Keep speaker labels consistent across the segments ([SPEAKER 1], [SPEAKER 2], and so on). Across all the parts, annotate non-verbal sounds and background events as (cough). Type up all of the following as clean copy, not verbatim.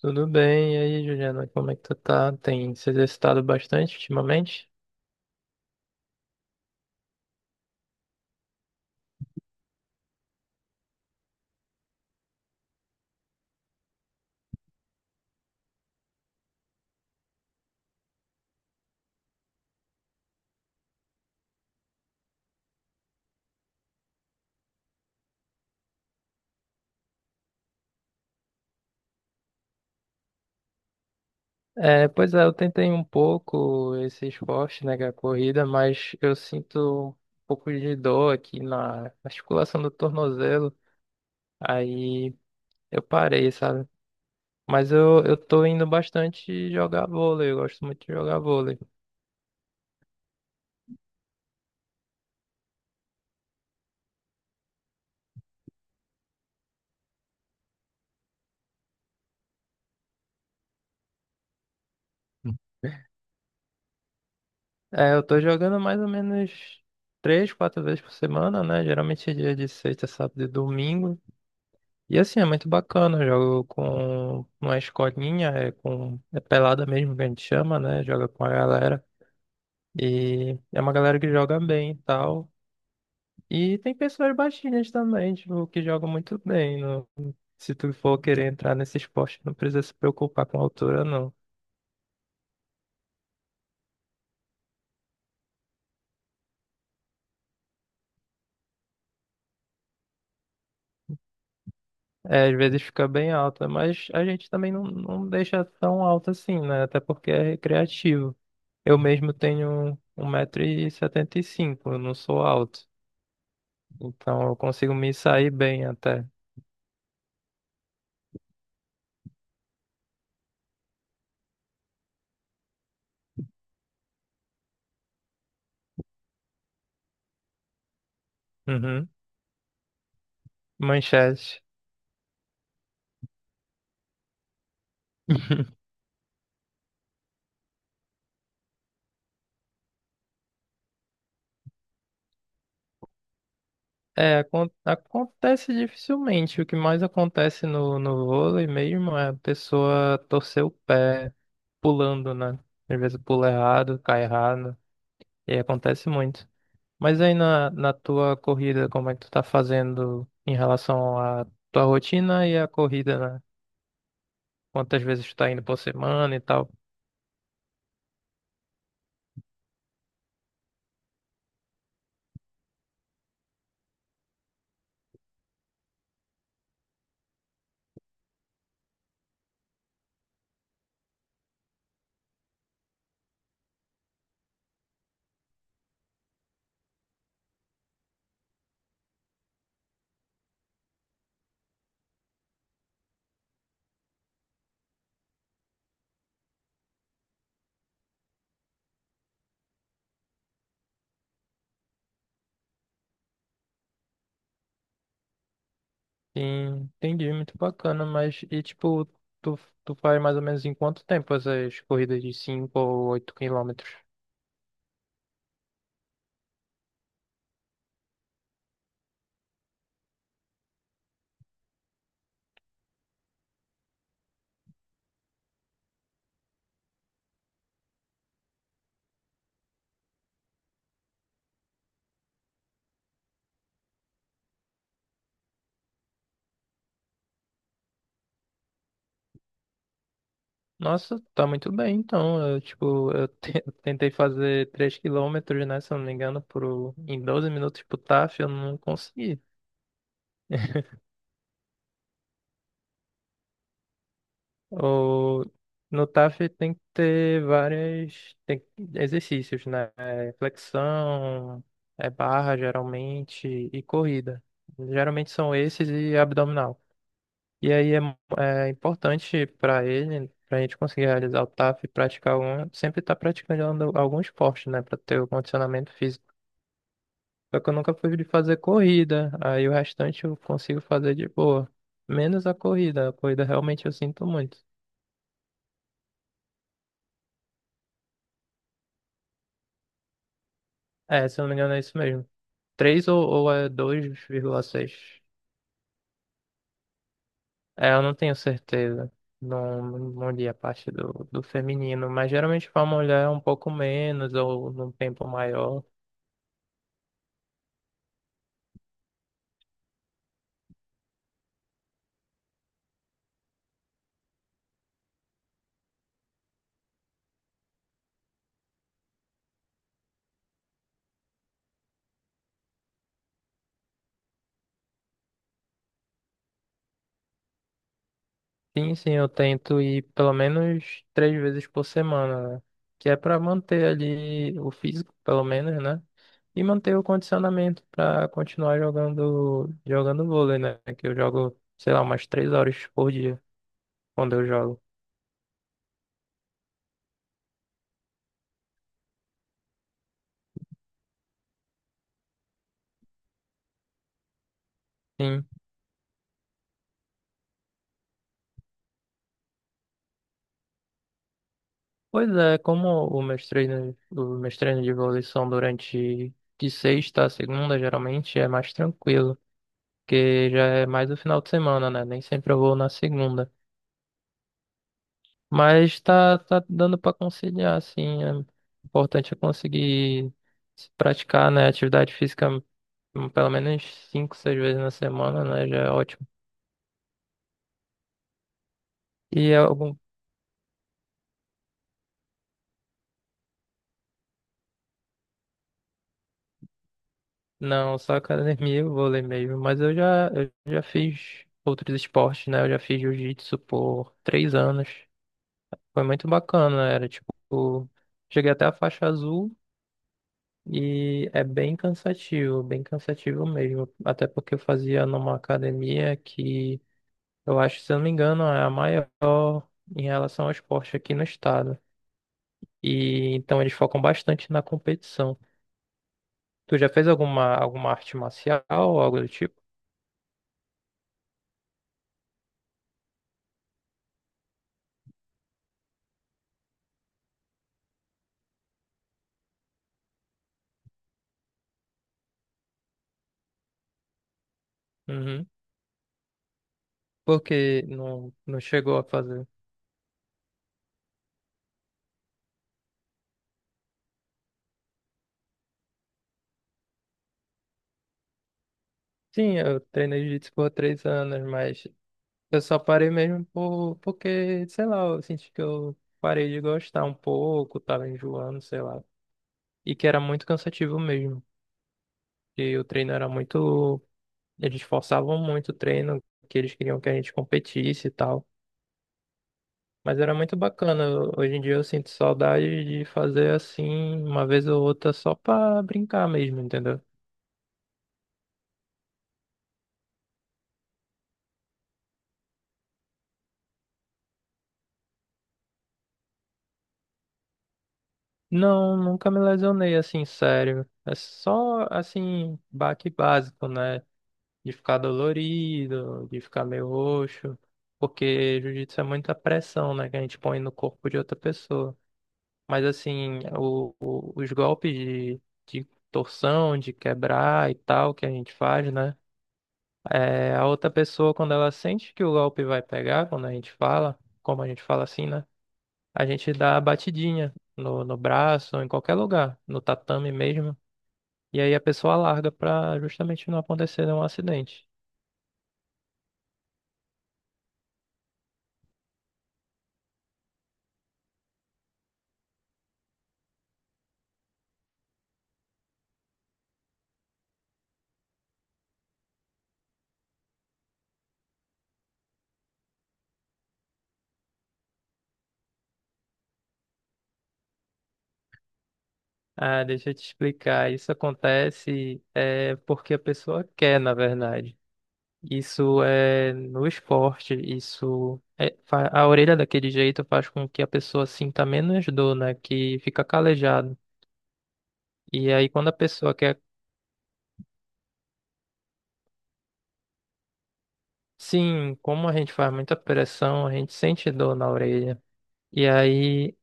[SPEAKER 1] Tudo bem, e aí, Juliana, como é que tu tá? Tem se exercitado bastante ultimamente? É, pois é, eu tentei um pouco esse esporte, né, que é a corrida, mas eu sinto um pouco de dor aqui na articulação do tornozelo, aí eu parei, sabe? Mas eu tô indo bastante jogar vôlei, eu gosto muito de jogar vôlei. É, eu tô jogando mais ou menos três, quatro vezes por semana, né? Geralmente é dia de sexta, sábado e domingo. E assim, é muito bacana. Eu jogo com uma escolinha, é com é pelada mesmo que a gente chama, né? Joga com a galera. E é uma galera que joga bem e tal. E tem pessoas baixinhas também, tipo, que jogam muito bem. Se tu for querer entrar nesse esporte, não precisa se preocupar com a altura, não. É, às vezes fica bem alta, mas a gente também não deixa tão alta assim, né? Até porque é recreativo. Eu mesmo tenho 1,75 m, eu não sou alto. Então eu consigo me sair bem até. Uhum. Manchete. (laughs) É, acontece dificilmente. O que mais acontece no vôlei mesmo é a pessoa torcer o pé pulando, né? Às vezes pula errado, cai errado, e aí acontece muito. Mas aí na tua corrida, como é que tu tá fazendo em relação à tua rotina e à corrida, né? Quantas vezes tu tá indo por semana e tal? Sim, entendi, muito bacana, mas e tipo, tu faz mais ou menos em quanto tempo essas corridas de 5 ou 8 quilômetros? Nossa, tá muito bem, então. Eu, tipo, (laughs) eu tentei fazer 3 km, né, se eu não me engano, em 12 minutos pro TAF, eu não consegui. O No TAF tem que ter várias exercícios, né? É Flexão, é barra, geralmente, e corrida. Geralmente são esses e abdominal. E aí é importante para ele, para a gente conseguir realizar o TAF e praticar algum, sempre estar praticando algum esporte, né? Para ter o condicionamento físico. Só que eu nunca fui de fazer corrida. Aí o restante eu consigo fazer de boa. Menos a corrida. A corrida realmente eu sinto muito. É, se eu não me engano, é isso mesmo. Três ou é 2,6. É, eu não tenho certeza. Não, não li a parte do feminino. Mas geralmente para mulher é um pouco menos ou num tempo maior. Sim, sim, eu tento ir pelo menos três vezes por semana, né? Que é para manter ali o físico, pelo menos, né? E manter o condicionamento para continuar jogando vôlei, né? Que eu jogo, sei lá, umas 3 horas por dia quando eu jogo. Sim. Pois é, como os meus treinos de vôlei são durante de sexta a segunda, geralmente é mais tranquilo, porque já é mais o final de semana, né? Nem sempre eu vou na segunda. Mas tá dando pra conciliar, assim. É importante é conseguir se praticar, né? Atividade física, pelo menos cinco, seis vezes na semana, né? Já é ótimo. E é algum... Não, só academia eu vou ler mesmo. Mas eu já fiz outros esportes, né? Eu já fiz jiu-jitsu por 3 anos. Foi muito bacana, era tipo... Cheguei até a faixa azul e é bem cansativo mesmo. Até porque eu fazia numa academia que eu acho, se eu não me engano, é a maior em relação ao esporte aqui no estado. E então eles focam bastante na competição. Tu já fez alguma arte marcial ou algo do tipo? Uhum. Porque não, não chegou a fazer. Sim, eu treinei jiu-jitsu por 3 anos, mas eu só parei mesmo porque, sei lá, eu senti que eu parei de gostar um pouco, tava enjoando, sei lá. E que era muito cansativo mesmo. E o treino era muito. Eles forçavam muito o treino, que eles queriam que a gente competisse e tal. Mas era muito bacana. Hoje em dia eu sinto saudade de fazer assim, uma vez ou outra, só pra brincar mesmo, entendeu? Não, nunca me lesionei assim, sério. É só assim, baque básico, né? De ficar dolorido, de ficar meio roxo. Porque jiu-jitsu é muita pressão, né? Que a gente põe no corpo de outra pessoa. Mas assim, os golpes de torção, de quebrar e tal que a gente faz, né? É, a outra pessoa, quando ela sente que o golpe vai pegar, quando a gente fala, como a gente fala assim, né? A gente dá a batidinha no braço, em qualquer lugar, no tatame mesmo. E aí a pessoa larga pra justamente não acontecer um acidente. Ah, deixa eu te explicar. Isso acontece é, porque a pessoa quer, na verdade. Isso é no esporte, a orelha daquele jeito faz com que a pessoa sinta menos dor, né? Que fica calejado. E aí quando a pessoa quer, sim, como a gente faz muita pressão, a gente sente dor na orelha. E aí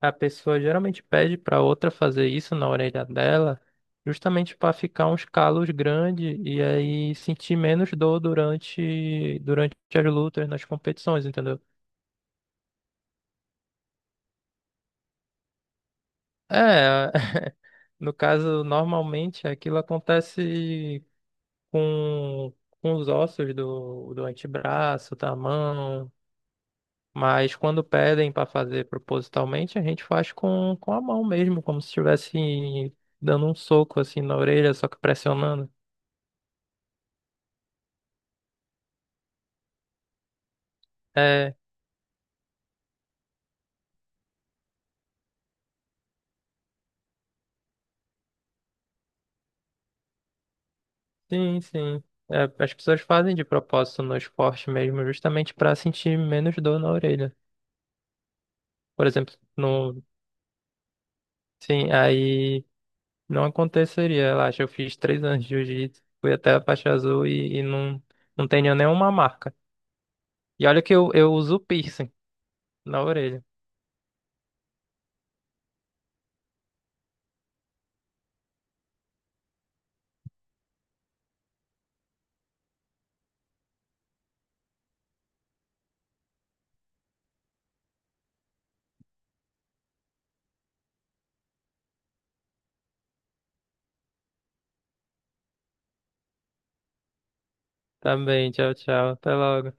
[SPEAKER 1] a pessoa geralmente pede para outra fazer isso na orelha dela, justamente para ficar uns calos grandes e aí sentir menos dor durante as lutas, nas competições, entendeu? É, (laughs) no caso, normalmente aquilo acontece com, com os ossos do antebraço, da mão, mas quando pedem para fazer propositalmente, a gente faz com a mão mesmo, como se estivesse dando um soco assim na orelha, só que pressionando. É, sim, sim. É, as pessoas fazem de propósito no esporte mesmo, justamente para sentir menos dor na orelha. Por exemplo, sim, aí. Não aconteceria, relaxa. Eu fiz 3 anos de jiu-jitsu, fui até a faixa azul e não, não tenho nenhuma marca. E olha que eu uso piercing na orelha. Tá bem, tchau, tchau. Até logo.